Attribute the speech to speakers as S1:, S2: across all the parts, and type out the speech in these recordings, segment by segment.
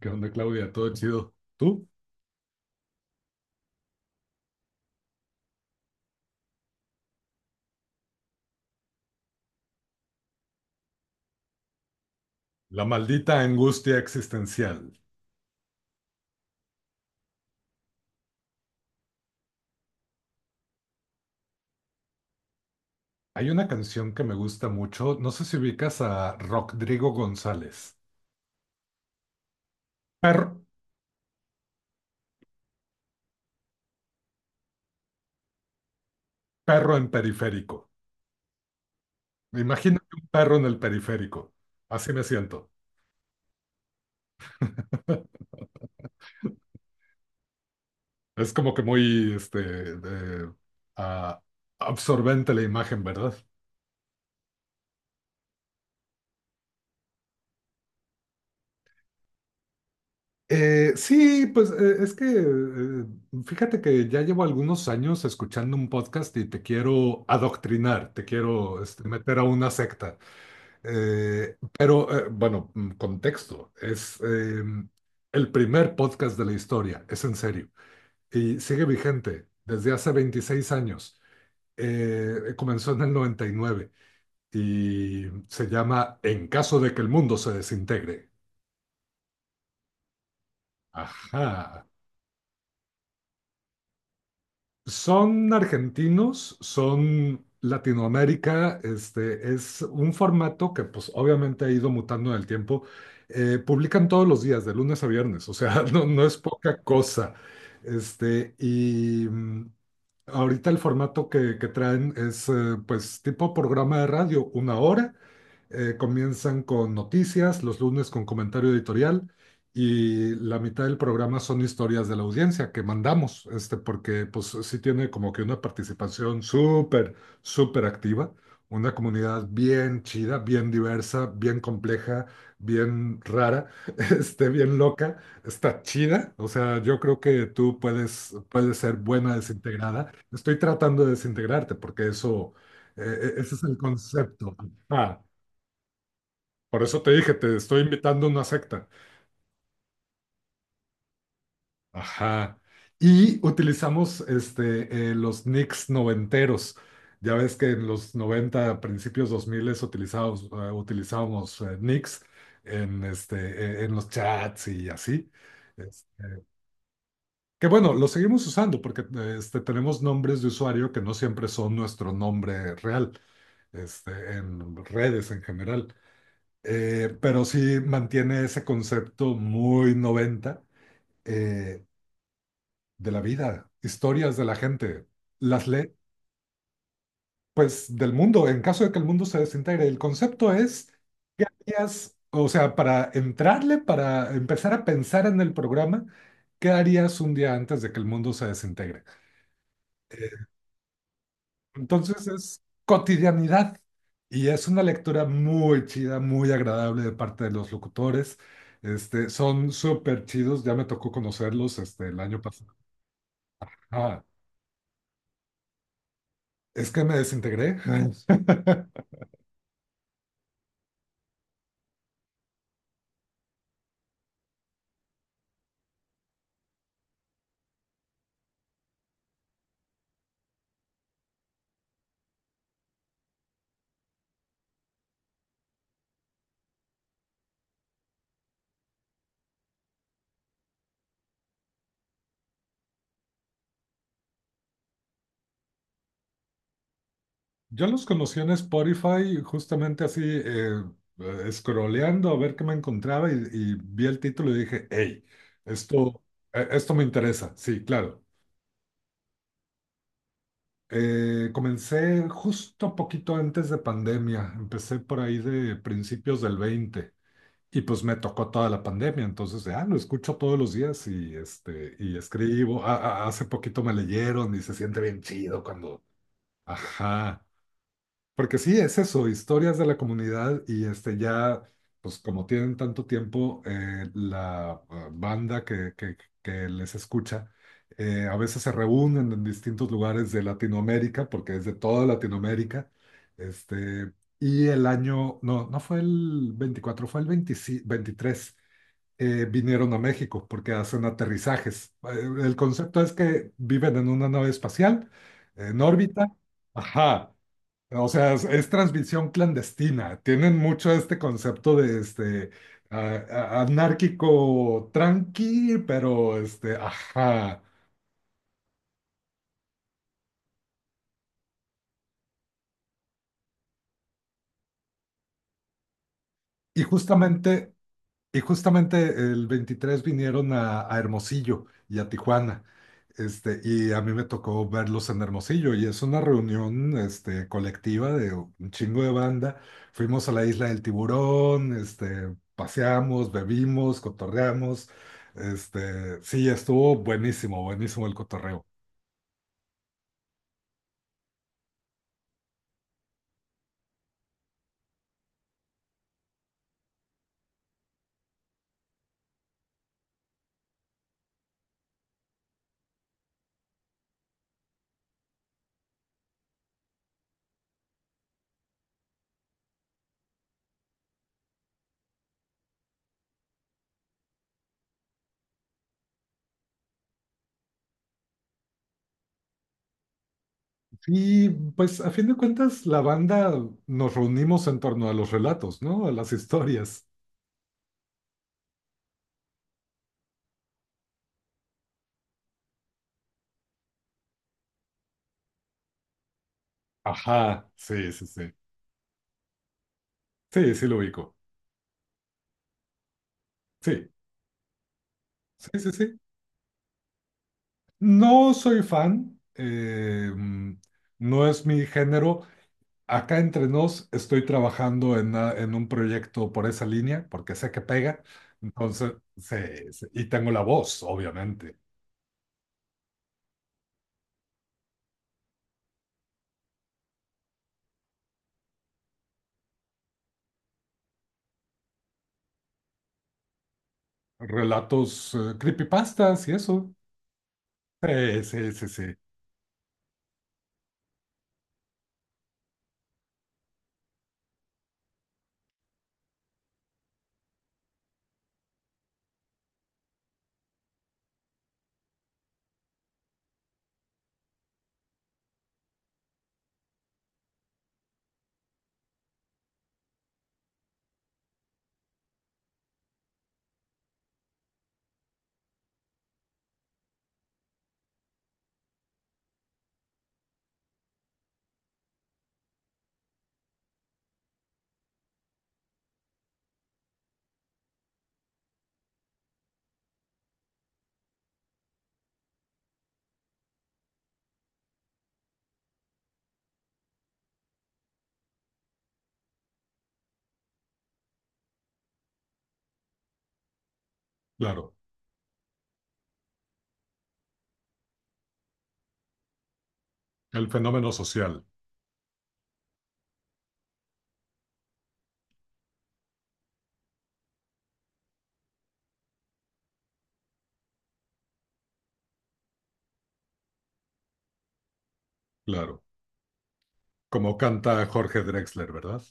S1: ¿Qué onda, Claudia? Todo chido. ¿Tú? La maldita angustia existencial. Hay una canción que me gusta mucho. No sé si ubicas a Rodrigo González. Perro, perro en periférico. Imagínate un perro en el periférico. Así me siento. Es como que muy de- ah, absorbente la imagen, ¿verdad? Sí, pues es que fíjate que ya llevo algunos años escuchando un podcast y te quiero adoctrinar, te quiero meter a una secta. Contexto, es el primer podcast de la historia, es en serio, y sigue vigente desde hace 26 años. Comenzó en el 99 y se llama En caso de que el mundo se desintegre. Ajá. Son argentinos, son Latinoamérica, este es un formato que pues obviamente ha ido mutando en el tiempo. Publican todos los días, de lunes a viernes, o sea, no, no es poca cosa. Este, y mm, ahorita el formato que traen es pues tipo programa de radio, una hora, comienzan con noticias, los lunes con comentario editorial y la mitad del programa son historias de la audiencia que mandamos, este, porque pues sí tiene como que una participación súper activa, una comunidad bien chida, bien diversa, bien compleja, bien rara, este, bien loca, está chida, o sea, yo creo que tú puedes ser buena desintegrada. Estoy tratando de desintegrarte porque eso... Ese es el concepto. Ah. Por eso te dije, te estoy invitando a una secta. Ajá. Y utilizamos los nicks noventeros. Ya ves que en los 90, principios 2000 utilizábamos, nicks en, este, en los chats y así. Es- que Bueno, lo seguimos usando porque tenemos nombres de usuario que no siempre son nuestro nombre real, este, en redes en general. Pero sí mantiene ese concepto muy 90. eh, de la vida, historias de la gente, las le pues del mundo, en caso de que el mundo se desintegre. El concepto es, ¿qué harías? O sea, para entrarle, para empezar a pensar en el programa, ¿qué harías un día antes de que el mundo se desintegre? Eh, entonces es cotidianidad y es una lectura muy chida, muy agradable de parte de los locutores. Este, son súper chidos, ya me tocó conocerlos este, el año pasado. Ah, es que me desintegré. Yo los conocí en Spotify, justamente así, scrolleando a ver qué me encontraba y vi el título y dije, hey, esto, esto me interesa. Sí, claro. Comencé justo poquito antes de pandemia, empecé por ahí de principios del 20 y pues me tocó toda la pandemia, entonces, ah, lo escucho todos los días y, este, y escribo. Hace poquito me leyeron y se siente bien chido cuando... Ajá. Porque sí, es eso, historias de la comunidad y este ya, pues como tienen tanto tiempo, la banda que les escucha, a veces se reúnen en distintos lugares de Latinoamérica, porque es de toda Latinoamérica, este, y el año, no, no fue el 24 fue el 25 23 vinieron a México porque hacen aterrizajes. El concepto es que viven en una nave espacial, en órbita, ajá. O sea, es transmisión clandestina. Tienen mucho este concepto de a- anárquico tranqui, pero este, ajá. Y justamente Y justamente el 23 vinieron a Hermosillo y a Tijuana. Este, y a mí me tocó verlos en Hermosillo y es una reunión este, colectiva de un chingo de banda. Fuimos a la isla del Tiburón, este, paseamos, bebimos, cotorreamos. Este, sí, estuvo buenísimo el cotorreo. Y pues a fin de cuentas la banda nos reunimos en torno a los relatos, ¿no? A las historias. Ajá, sí, sí, sí. Sí, sí lo ubico. Sí. Sí, sí, sí. No soy fan, no es mi género. Acá entre nos estoy trabajando en un proyecto por esa línea, porque sé que pega. Entonces, sí, sí, y tengo la voz, obviamente. Relatos, creepypastas y eso. Sí, sí, sí, sí, claro. El fenómeno social, claro. Como canta Jorge Drexler, ¿verdad?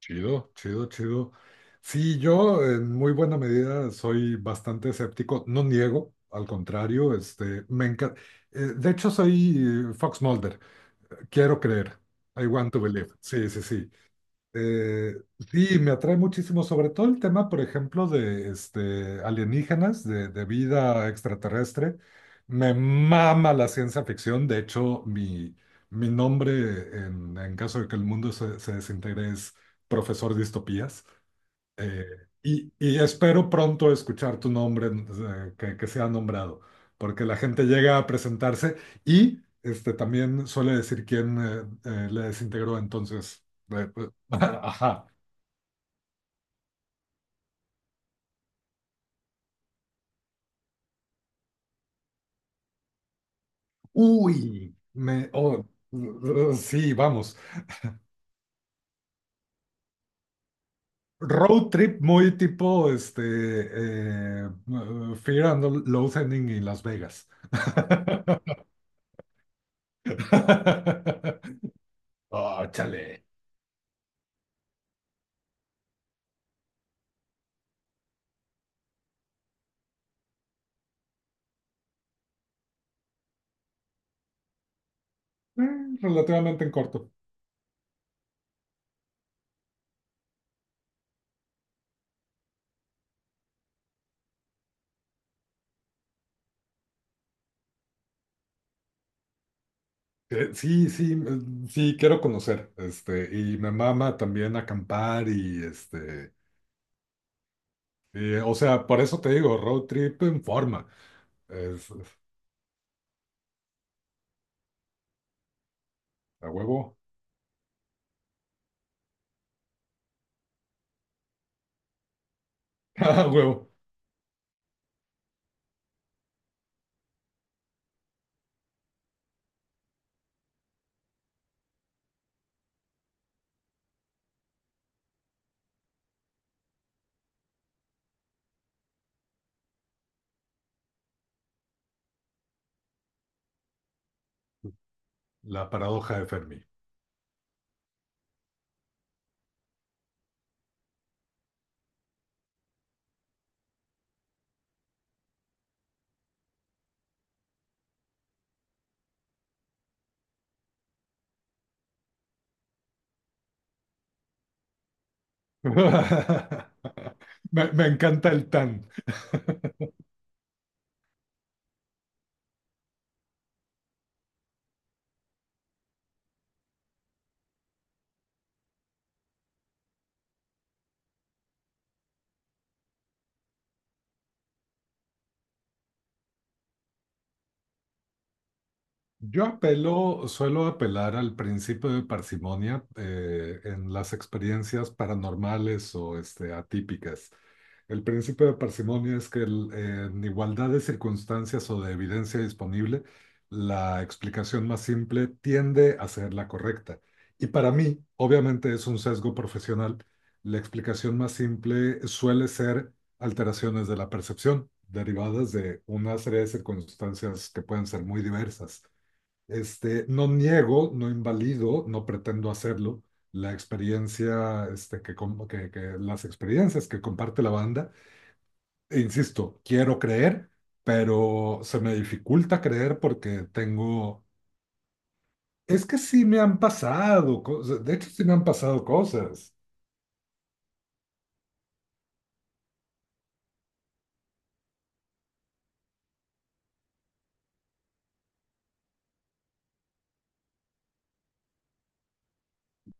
S1: Chido, chido, chido. Sí, yo en muy buena medida soy bastante escéptico, no niego, al contrario, este, me encanta. De hecho, soy Fox Mulder, quiero creer, I want to believe. Sí, sí, sí. Eh, sí, me atrae muchísimo, sobre todo el tema, por ejemplo, de este, alienígenas, de vida extraterrestre. Me mama la ciencia ficción. De hecho, mi nombre, en caso de que el mundo se desintegre, es profesor distopías. Eh, y espero pronto escuchar tu nombre, que sea nombrado, porque la gente llega a presentarse y este, también suele decir quién le desintegró. Entonces, ajá. Uy, me, oh, sí, vamos. Road trip muy tipo Fear and Loathing en Las Vegas. Oh, chale. Eh, Relativamente en corto. Sí, sí, quiero conocer, este, y me mama también acampar y, este, y, o sea, por eso te digo, road trip en forma, es, es- a huevo, a huevo, la paradoja de Fermi. Me encanta el tan. Yo apelo, suelo apelar al principio de parsimonia en las experiencias paranormales o este, atípicas. El principio de parsimonia es que en igualdad de circunstancias o de evidencia disponible, la explicación más simple tiende a ser la correcta. Y para mí, obviamente es un sesgo profesional, la explicación más simple suele ser alteraciones de la percepción derivadas de una serie de circunstancias que pueden ser muy diversas. Este, no niego, no invalido, no pretendo hacerlo. La experiencia, que las experiencias que comparte la banda, e insisto, quiero creer, pero se me dificulta creer porque tengo, es que sí me han pasado cosas, de hecho sí me han pasado cosas.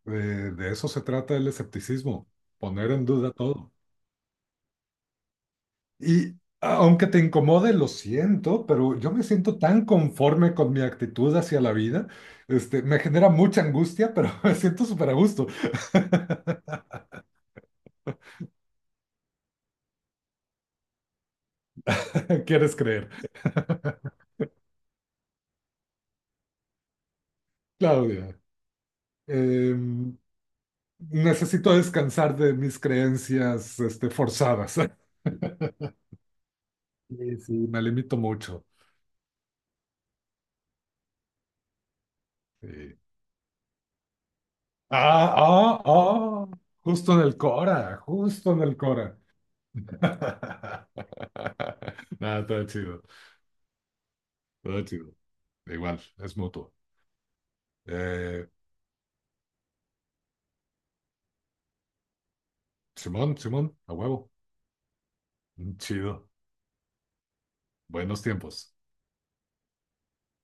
S1: Eh, de eso se trata el escepticismo, poner en duda todo. Y aunque te incomode, lo siento, pero yo me siento tan conforme con mi actitud hacia la vida. Este, me genera mucha angustia, pero me siento súper a gusto. ¿Quieres creer? Claudia, em, necesito descansar de mis creencias, este, forzadas. Sí, sí, me limito mucho. Sí. Ah, ah, ah, justo en el Cora, justo en el Cora. Nada, todo chido. Todo chido. Igual, es mutuo. Eh, Simón, Simón, a huevo. Chido. Buenos tiempos.